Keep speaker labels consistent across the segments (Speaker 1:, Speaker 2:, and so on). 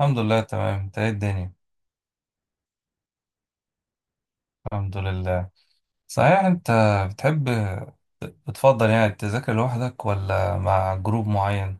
Speaker 1: الحمد لله تمام، انت ايه الدنيا؟ الحمد لله. صحيح انت بتحب، بتفضل يعني تذاكر لوحدك ولا مع جروب معين؟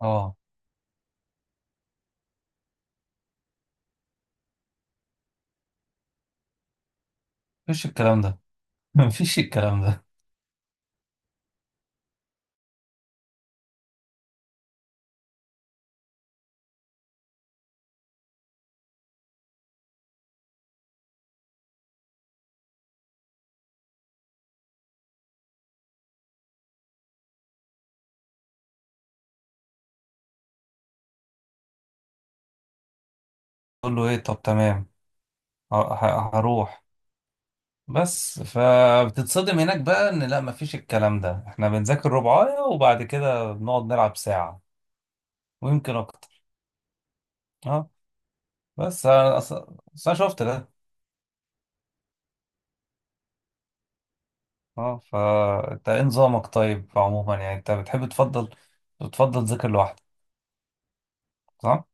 Speaker 1: اه. مفيش الكلام ده. مفيش الكلام ده. تقول له ايه؟ طب تمام، هروح. بس فبتتصدم هناك بقى ان لا مفيش الكلام ده، احنا بنذاكر ربعاية وبعد كده بنقعد نلعب ساعة ويمكن اكتر. اه. بس انا أصل، أنا شفت ده. اه، فانت ايه نظامك؟ طيب عموما يعني انت بتحب تفضل، بتفضل تذاكر لوحدك؟ صح؟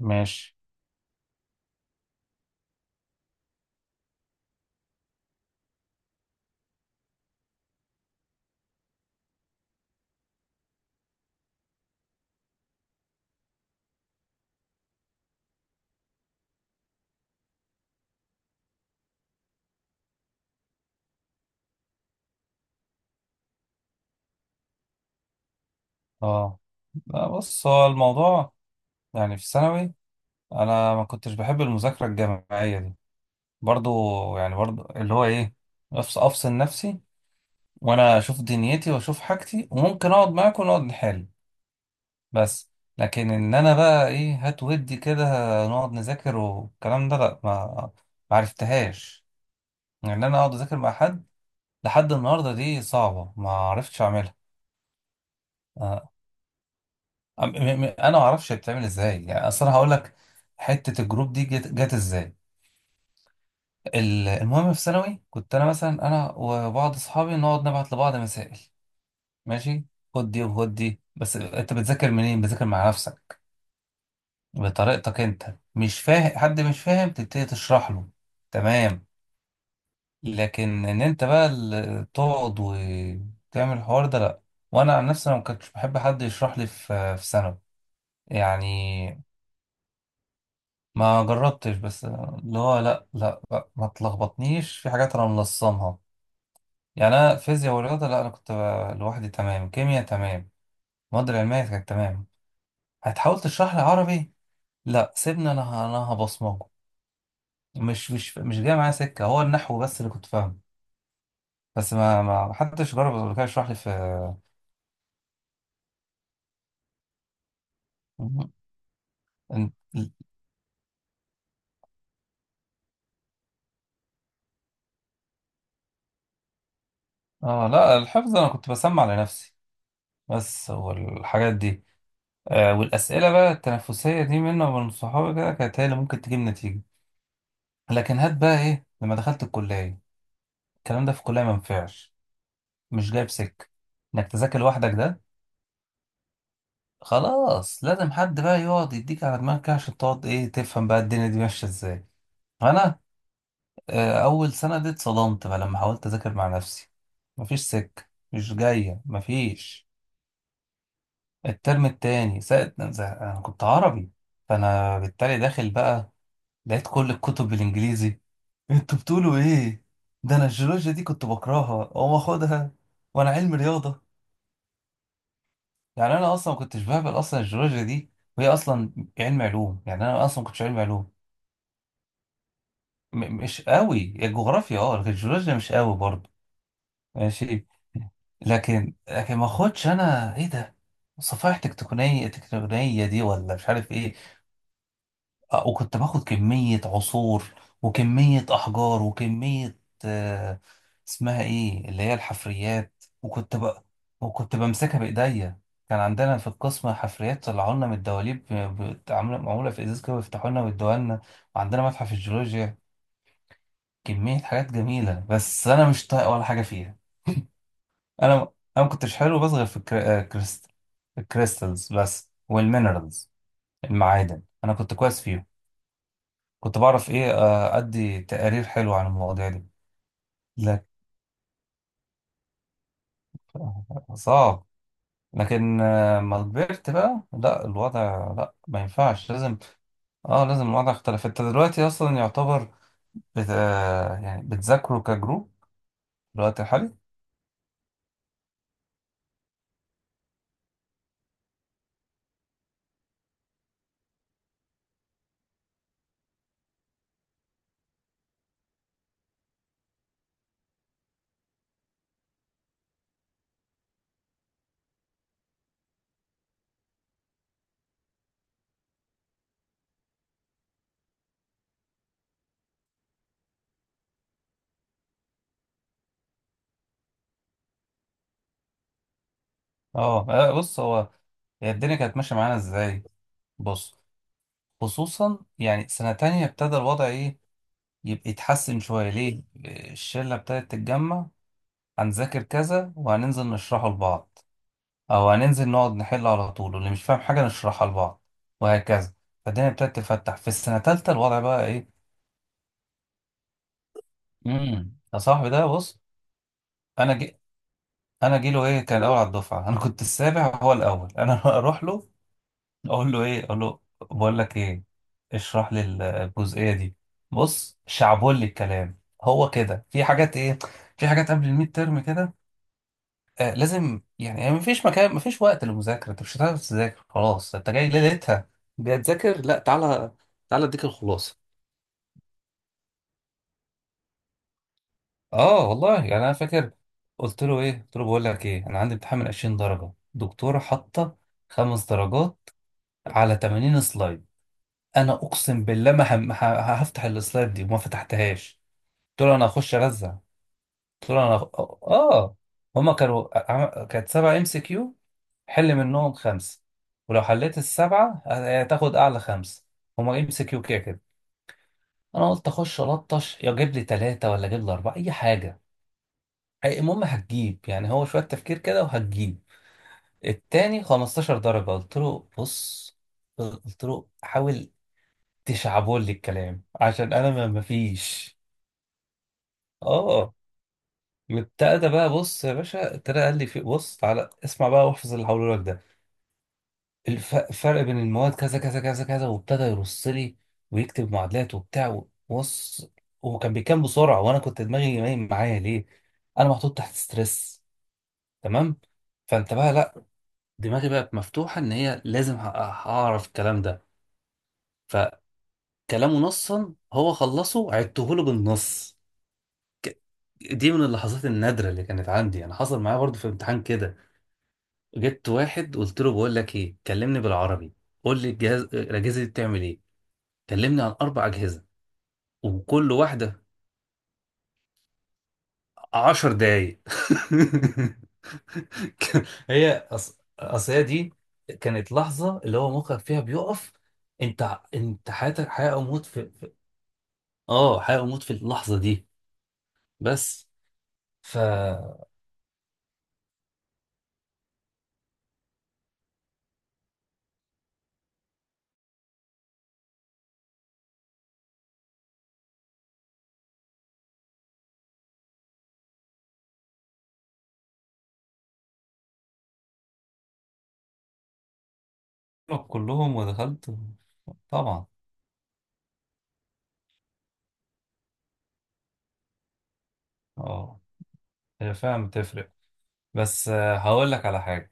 Speaker 1: ماشي. اه، لا بص هو الموضوع، يعني في ثانوي انا ما كنتش بحب المذاكرة الجماعية دي برضو، يعني برضو اللي هو ايه، افصل نفسي وانا اشوف دنيتي واشوف حاجتي وممكن اقعد معاكم ونقعد نحل، بس. لكن ان انا بقى ايه، هات ودي كده نقعد نذاكر والكلام ده لا، ما ما عرفتهاش ان يعني انا اقعد اذاكر مع حد. لحد النهارده دي صعبه، ما عرفتش اعملها. آه، انا ما اعرفش بتعمل ازاي يعني اصلا، هقول لك حته الجروب دي جت ازاي. المهم في ثانوي كنت انا مثلا انا وبعض اصحابي نقعد نبعت لبعض مسائل. ماشي، خد دي وخد دي، بس انت بتذاكر منين؟ بتذاكر مع نفسك بطريقتك انت، مش فاهم حد مش فاهم تبتدي تشرح له، تمام. لكن ان انت بقى تقعد وتعمل الحوار ده لا. وانا عن نفسي انا ما كنتش بحب حد يشرح لي في ثانوي. يعني ما جربتش، بس اللي هو لا لا لا، ما تلخبطنيش في حاجات انا ملصمها. يعني انا فيزياء ورياضه لا انا كنت لوحدي تمام، كيمياء تمام، المواد العلميه كانت تمام. هتحاول تشرح لي عربي؟ لا سيبني انا انا هبصمجه. مش جاي معايا سكه، هو النحو بس اللي كنت فاهمه. بس ما حدش جرب قبل كده يشرح لي في. إن- اه لا الحفظ انا كنت بسمع لنفسي بس، والحاجات دي. آه، والأسئلة بقى التنافسية دي منه ومن صحابي كده كانت هي اللي ممكن تجيب نتيجة. لكن هات بقى إيه لما دخلت الكلية، الكلام ده في الكلية ما ينفعش، مش جايب سكة إنك تذاكر لوحدك ده. خلاص لازم حد بقى يقعد يديك على دماغك كده عشان تقعد إيه تفهم بقى الدنيا دي ماشية إزاي. أنا آه أول سنة دي اتصدمت بقى لما حاولت أذاكر مع نفسي، مفيش سكة، مش جاية، مفيش. الترم التاني ساعة أنا كنت عربي، فأنا بالتالي داخل بقى، لقيت كل الكتب بالإنجليزي. انتوا بتقولوا ايه؟ ده انا الجيولوجيا دي كنت بكرهها اقوم اخدها، وانا علم رياضه. يعني انا اصلا ما كنتش بهبل اصلا الجيولوجيا دي، وهي اصلا علم علوم، يعني انا اصلا ما كنتش علم علوم. مش قوي الجغرافيا، اه لكن الجيولوجيا مش قوي برضه. ماشي. لكن ما اخدش انا ايه ده، صفائح تكتونيه دي ولا مش عارف ايه. آه، وكنت باخد كمية عصور وكمية أحجار وكمية، آه، اسمها إيه اللي هي الحفريات، وكنت بقى وكنت بمسكها بإيديا. كان عندنا في القسم حفريات طلعوا لنا من الدواليب، عاملة معمولة في إزاز كده ويفتحوا لنا ويدوها لنا. وعندنا متحف الجيولوجيا كمية حاجات جميلة بس أنا مش طايق ولا حاجة فيها. أنا أنا ما كنتش حلو بس غير في الكريستالز بس والمينرالز، المعادن أنا كنت كويس فيهم. كنت بعرف ايه، آه، ادي تقارير حلوه عن المواضيع دي. لك، صعب. لكن آه، ما كبرت بقى لا الوضع، لا ما ينفعش لازم. اه لازم الوضع اختلف. انت دلوقتي اصلا يعتبر بت... آه، يعني بتذاكروا كجروب الوقت الحالي؟ اه، آه، بص هو، هي الدنيا كانت ماشيه معانا ازاي. بص، خصوصا يعني سنه تانية ابتدى الوضع ايه يبقى يتحسن شويه. ليه؟ الشله ابتدت تتجمع، هنذاكر كذا وهننزل نشرحه لبعض، او هننزل نقعد نحل على طول واللي مش فاهم حاجه نشرحها لبعض، وهكذا. فالدنيا ابتدت تفتح في السنه الثالثه الوضع بقى ايه. امم، يا صاحبي ده بص. انا جي، انا جيله ايه كان الاول على الدفعه، انا كنت السابع هو الاول. انا اروح له اقول له ايه، اقول له بقول لك ايه، اشرح لي الجزئيه دي. بص شعبولي الكلام، هو كده في حاجات ايه، في حاجات قبل الميد ترم كده. آه لازم يعني، يعني مفيش مكان مفيش وقت للمذاكرة، انت مش هتعرف تذاكر خلاص، انت جاي ليلتها بتذاكر، لا تعالى، تعالى اديك الخلاصة. اه والله يعني انا فاكر قلت له ايه، قلت له بقول لك ايه، انا عندي امتحان من 20 درجة دكتورة حاطة 5 درجات على 80 سلايد. انا اقسم بالله ما هفتح السلايد دي، وما فتحتهاش. قلت له انا هخش ارزع، طلع انا اه. هما كانوا كانت 7 MCQ، حل منهم 5، ولو حليت الـ7 هتاخد اعلى 5، هما ام سي كيو كده كده. انا قلت اخش الطش يا جيب لي 3 ولا جيب لي 4 اي حاجة. المهم هتجيب يعني، هو شوية تفكير كده وهتجيب. التاني 15 درجة، قلت له بص، قلت له حاول تشعبول لي الكلام عشان انا ما مفيش. اه. وابتدى بقى، بص يا باشا ابتدى قال لي في، بص تعالى اسمع بقى واحفظ اللي هقوله لك ده. الفرق بين المواد كذا كذا كذا كذا، وابتدى يرص لي ويكتب معادلات وبتاع. بص، هو كان بيكام بسرعه وانا كنت دماغي نايم معايا، ليه؟ انا محطوط تحت ستريس، تمام. فانت بقى لا، دماغي بقت مفتوحه ان هي لازم هعرف الكلام ده. فكلامه نصا هو خلصه عدته له بالنص. ك- دي من اللحظات النادره اللي كانت عندي. انا حصل معايا برضه في امتحان كده، جبت واحد قلت له بقول لك ايه، كلمني بالعربي، قول لي الجهاز، الاجهزه دي بتعمل ايه، كلمني عن 4 اجهزه وكل واحده، 10 دقايق. هي أصل هي دي كانت لحظه اللي هو مخك فيها بيقف. انت انت حياتك حياه او موت في. اه حياه او موت في اللحظه دي، بس. ف كلهم ودخلت؟ طبعا. اه. هي فعلا بتفرق، بس آه، هقول لك على حاجه،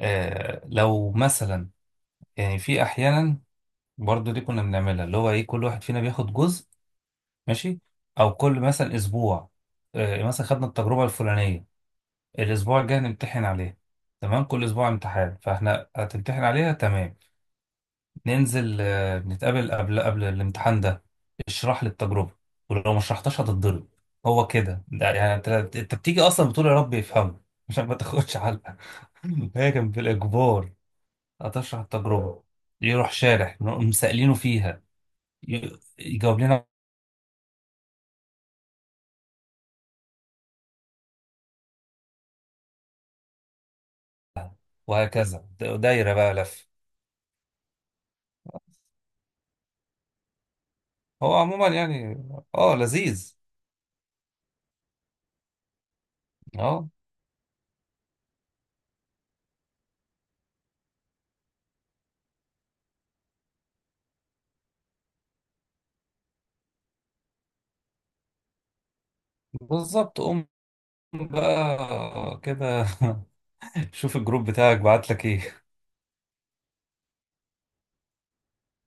Speaker 1: آه، لو مثلا يعني في احيانا برضو دي كنا بنعملها، اللي هو ايه كل واحد فينا بياخد جزء، ماشي، او كل مثلا اسبوع آه، مثلا خدنا التجربه الفلانيه الاسبوع الجاي هنمتحن عليها. تمام، كل اسبوع امتحان، فاحنا هتمتحن عليها تمام، ننزل آه، نتقابل قبل الامتحان ده، اشرح لي التجربه، ولو ما شرحتهاش هتتضرب. هو كده، ده يعني انت بتيجي اصلا بتقول يا رب يفهمه عشان ما تاخدش علقه. هي كان بالاجبار هتشرح التجربه، يروح شارح نقوم سائلينه فيها، يجاوب لنا وهكذا، دايرة بقى لف. هو عموما يعني اه لذيذ. اه بالظبط. قوم بقى كده شوف الجروب بتاعك بعت لك ايه.